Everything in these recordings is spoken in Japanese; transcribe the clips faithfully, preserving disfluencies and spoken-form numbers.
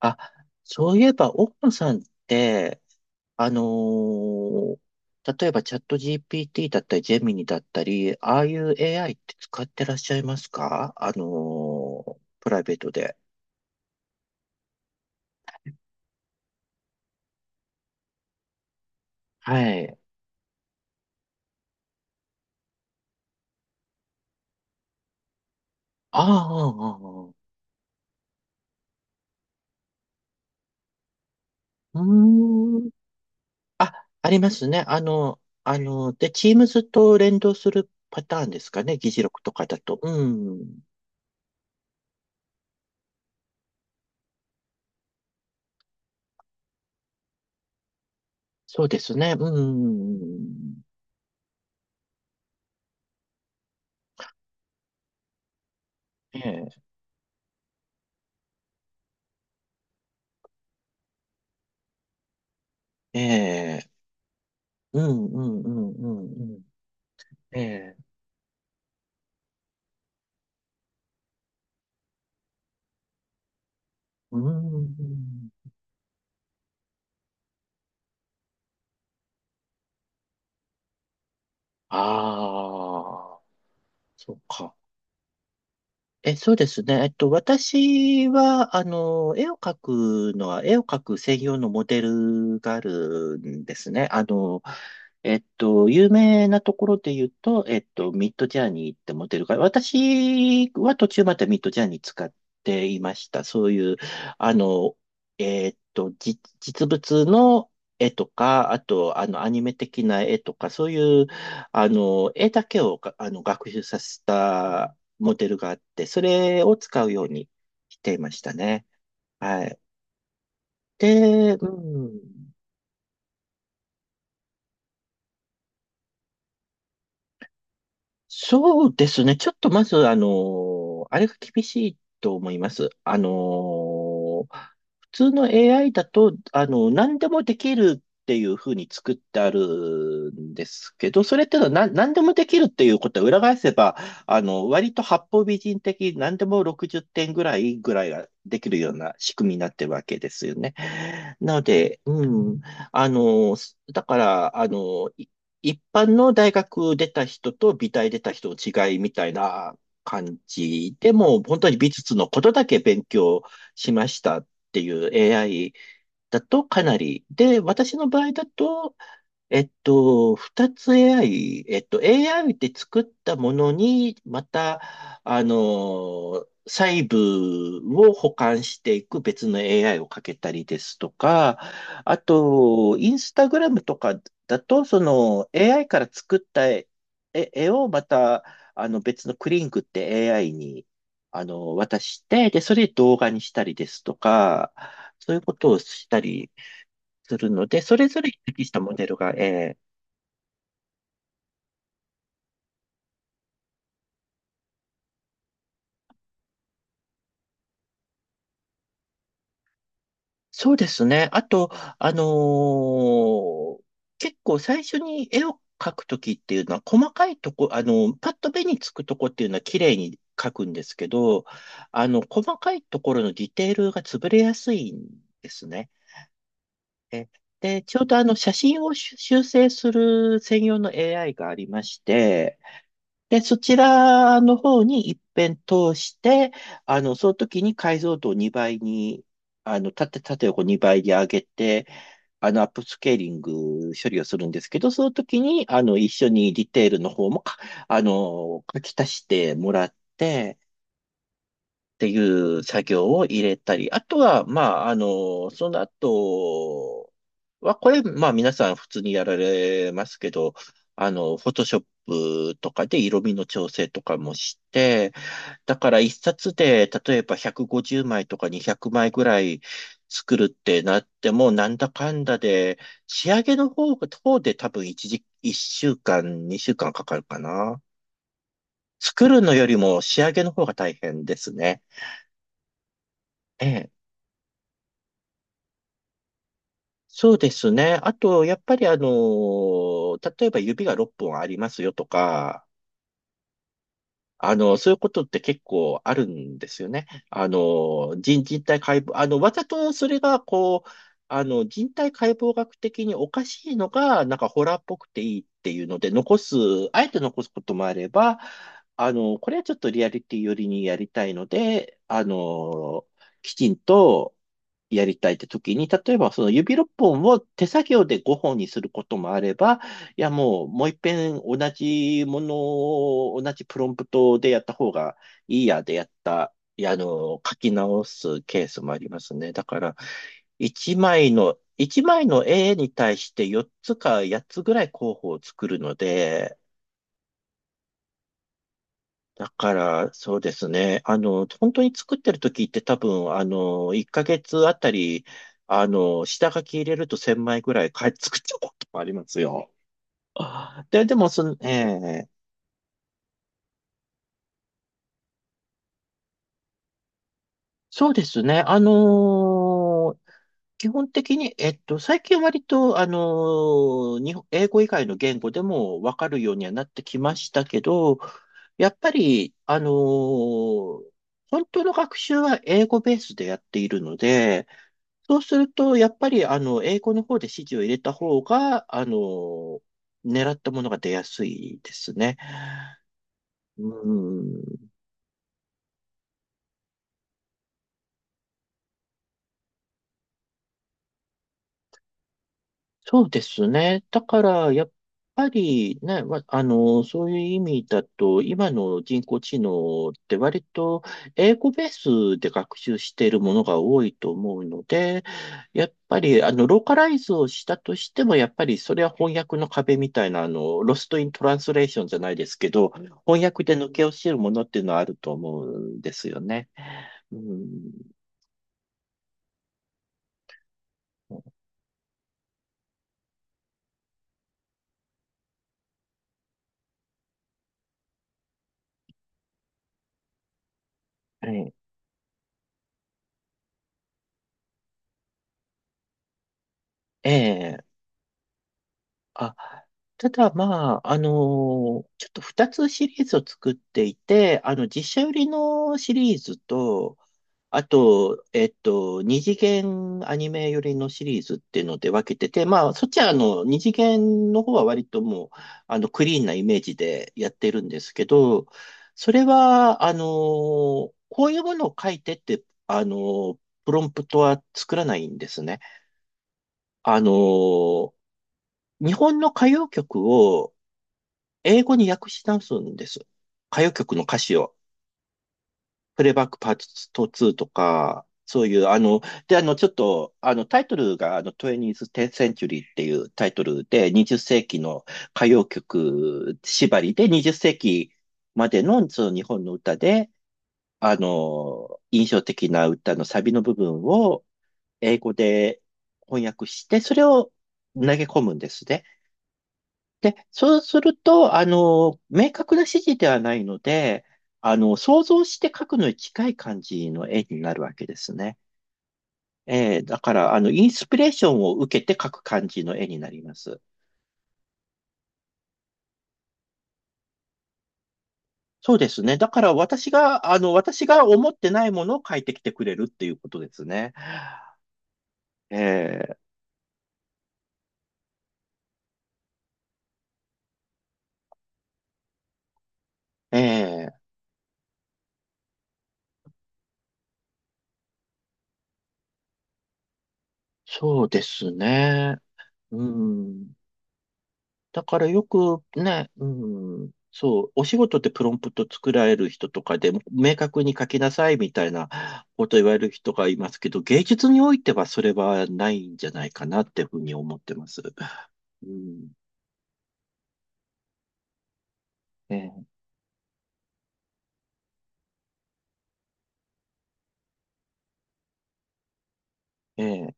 あ、そういえば、奥野さんって、あのー例えばチャット ジーピーティー だったり、ジェミニだったり、ああいう エーアイ って使ってらっしゃいますか、あのープライベートで？はい。ああ、ああ、ああ、うーん。ありますね。あの、あの、で、Teams と連動するパターンですかね。議事録とかだと。うん。そうですね。うん。ええ、ええ、うん、うん、うん、うん。うん、ええ、うーん。ああ、そっか。え、そうですね。えっと、私は、あの、絵を描くのは、絵を描く専用のモデルがあるんですね。あの、えっと、有名なところで言うと、えっと、ミッドジャーニーってモデルが、私は途中までミッドジャーニー使っていました。そういう、あの、えっと、じ実物の絵とか、あと、あの、アニメ的な絵とか、そういう、あの、絵だけをかあの、学習させたモデルがあって、それを使うようにしていましたね。はい。で、うん。そうですね。ちょっとまず、あの、あれが厳しいと思います。あの、普通の エーアイ だと、あの、何でもできるっていうふうに作ってあるんですけど、それっていうのは何、何でもできるっていうことは裏返せば、あの、割と八方美人的、何でもろくじゅってんぐらいぐらいができるような仕組みになってるわけですよね。なので、うん、あの、だから、あの、一般の大学出た人と美大出た人の違いみたいな感じでも本当に美術のことだけ勉強しましたっていう エーアイ だとかなり。で、私の場合だとえっと、二つ エーアイ、えっと、エーアイ って作ったものに、また、あの、細部を補完していく別の エーアイ をかけたりですとか、あと、インスタグラムとかだと、その エーアイ から作った絵、絵絵をまた、あの、別のクリンクって エーアイ に、あの、渡して、で、それ動画にしたりですとか、そういうことをしたりするので、それぞれに適したモデルが、えそうですね。あと、あのー結構最初に絵を描くときっていうのは、細かいとこ、あのパッと目につくとこっていうのは綺麗に描くんですけど、あの、細かいところのディテールが潰れやすいんですね。えで、ちょうどあの、写真を修修正する専用の エーアイ がありまして、で、そちらの方に一遍通して、あの、その時に解像度をにばいに、あの、縦、縦横にばいに上げて、あの、アップスケーリング処理をするんですけど、その時に、あの、一緒にディテールの方もか、あの、書き足してもらって、っていう作業を入れたり、あとは、まあ、あの、その後は、これ、まあ皆さん普通にやられますけど、あの、フォトショップとかで色味の調整とかもして、だから一冊で、例えばひゃくごじゅうまいとかにひゃくまいぐらい作るってなっても、なんだかんだで、仕上げの方、方で多分一時、一週間、二週間かんかかるかな。作るのよりも仕上げの方が大変ですね。ええ。そうですね。あと、やっぱりあの、例えば指がろっぽんありますよとか、あの、そういうことって結構あるんですよね。あの、人人体解剖、あの、わざとそれが、こう、あの、人体解剖学的におかしいのが、なんかホラーっぽくていいっていうので、残す、あえて残すこともあれば、あの、これはちょっとリアリティ寄りにやりたいので、あの、きちんとやりたいって時に、例えばその指ろっぽんを手作業でごほんにすることもあれば、いや、もう、もう一遍同じものを、同じプロンプトでやった方がいいやでやった、いや、あの、書き直すケースもありますね。だから、一枚の、一枚の絵に対してよっつかやっつぐらい候補を作るので、だから、そうですね。あの、本当に作ってる時って多分、あの、いっかげつあたり、あの、下書き入れるとせんまいぐらいか作っちゃうこともありますよ。で、でも、その、ええ。そうですね。あのー基本的に、えっと、最近割と、あのー日本英語以外の言語でもわかるようにはなってきましたけど、やっぱり、あのー本当の学習は英語ベースでやっているので、そうすると、やっぱり、あの、英語の方で指示を入れた方が、あのー狙ったものが出やすいですね。うん。そうですね。だから、やっぱりね、ま、あの、そういう意味だと、今の人工知能って割と英語ベースで学習しているものが多いと思うので、やっぱり、あの、ローカライズをしたとしても、やっぱりそれは翻訳の壁みたいな、あの、ロストイントランスレーションじゃないですけど、翻訳で抜け落ちるものっていうのはあると思うんですよね。うん、ええ、ええ、あ、ただまあ、あのーちょっとふたつシリーズを作っていて、あの、実写売りのシリーズと、あと、えっと、二次元アニメ寄りのシリーズっていうので分けてて、まあ、そっちはあの、二次元の方は割ともう、あの、クリーンなイメージでやってるんですけど、それは、あのーこういうものを書いてって、あのープロンプトは作らないんですね。あのー日本の歌謡曲を、英語に訳し直すんです。歌謡曲の歌詞を。プレイバックパートツーとか、そういう、あの、で、あの、ちょっと、あの、タイトルが、あの、トゥエンティース Century っていうタイトルで、にじゅう世紀の歌謡曲縛りで、にじゅう世紀までの、その日本の歌で、あの、印象的な歌のサビの部分を英語で翻訳して、それを投げ込むんですね。で、そうすると、あの、明確な指示ではないので、あの、想像して描くのに近い感じの絵になるわけですね。えーだから、あの、インスピレーションを受けて描く感じの絵になります。そうですね。だから私が、あの、私が思ってないものを描いてきてくれるっていうことですね。えーえーそうですね。うん。だからよくね、うん、そう、お仕事ってプロンプト作られる人とかで、明確に書きなさいみたいなこと言われる人がいますけど、芸術においてはそれはないんじゃないかなっていうふうに思ってます。うん、ええ、ええ、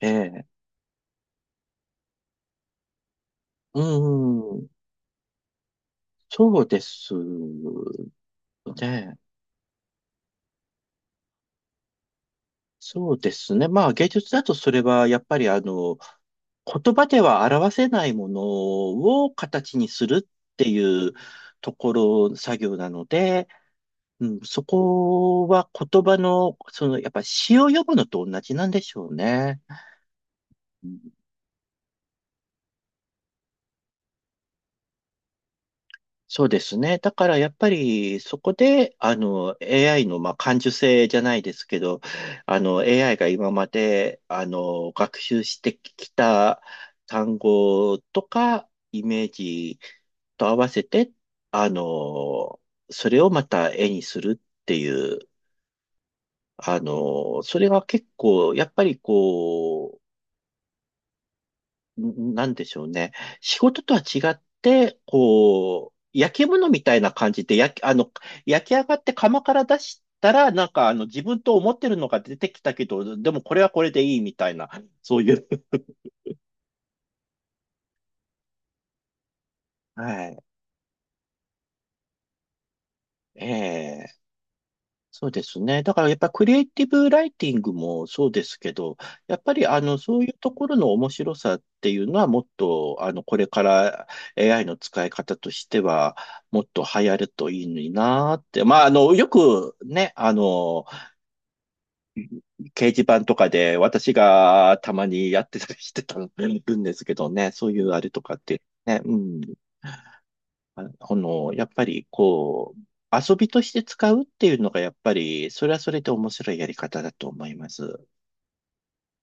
ええ、うん、そうですね。そうですね。まあ芸術だとそれはやっぱりあの、言葉では表せないものを形にするっていうところ、作業なので、うん、そこは言葉の、その、やっぱ詩を読むのと同じなんでしょうね。そうですね。だからやっぱりそこで、あの、エーアイ の、まあ、感受性じゃないですけど、あの、エーアイ が今まで、あの、学習してきた単語とか、イメージと合わせて、あの、それをまた絵にするっていう、あの、それは結構、やっぱりこう、んなんでしょうね。仕事とは違って、こう、焼き物みたいな感じで、焼き、あの、焼き上がって窯から出したら、なんか、あの、自分と思ってるのが出てきたけど、でもこれはこれでいいみたいな、そういう。はい。ええそうですね。だからやっぱクリエイティブライティングもそうですけど、やっぱりあのそういうところの面白さっていうのはもっとあのこれから エーアイ の使い方としてはもっと流行るといいのになーって。まああのよくね、あの掲示板とかで私がたまにやってたりしてたんですけどね、そういうあれとかってね、うん。ああの、やっぱりこう、遊びとして使うっていうのがやっぱり、それはそれで面白いやり方だと思います。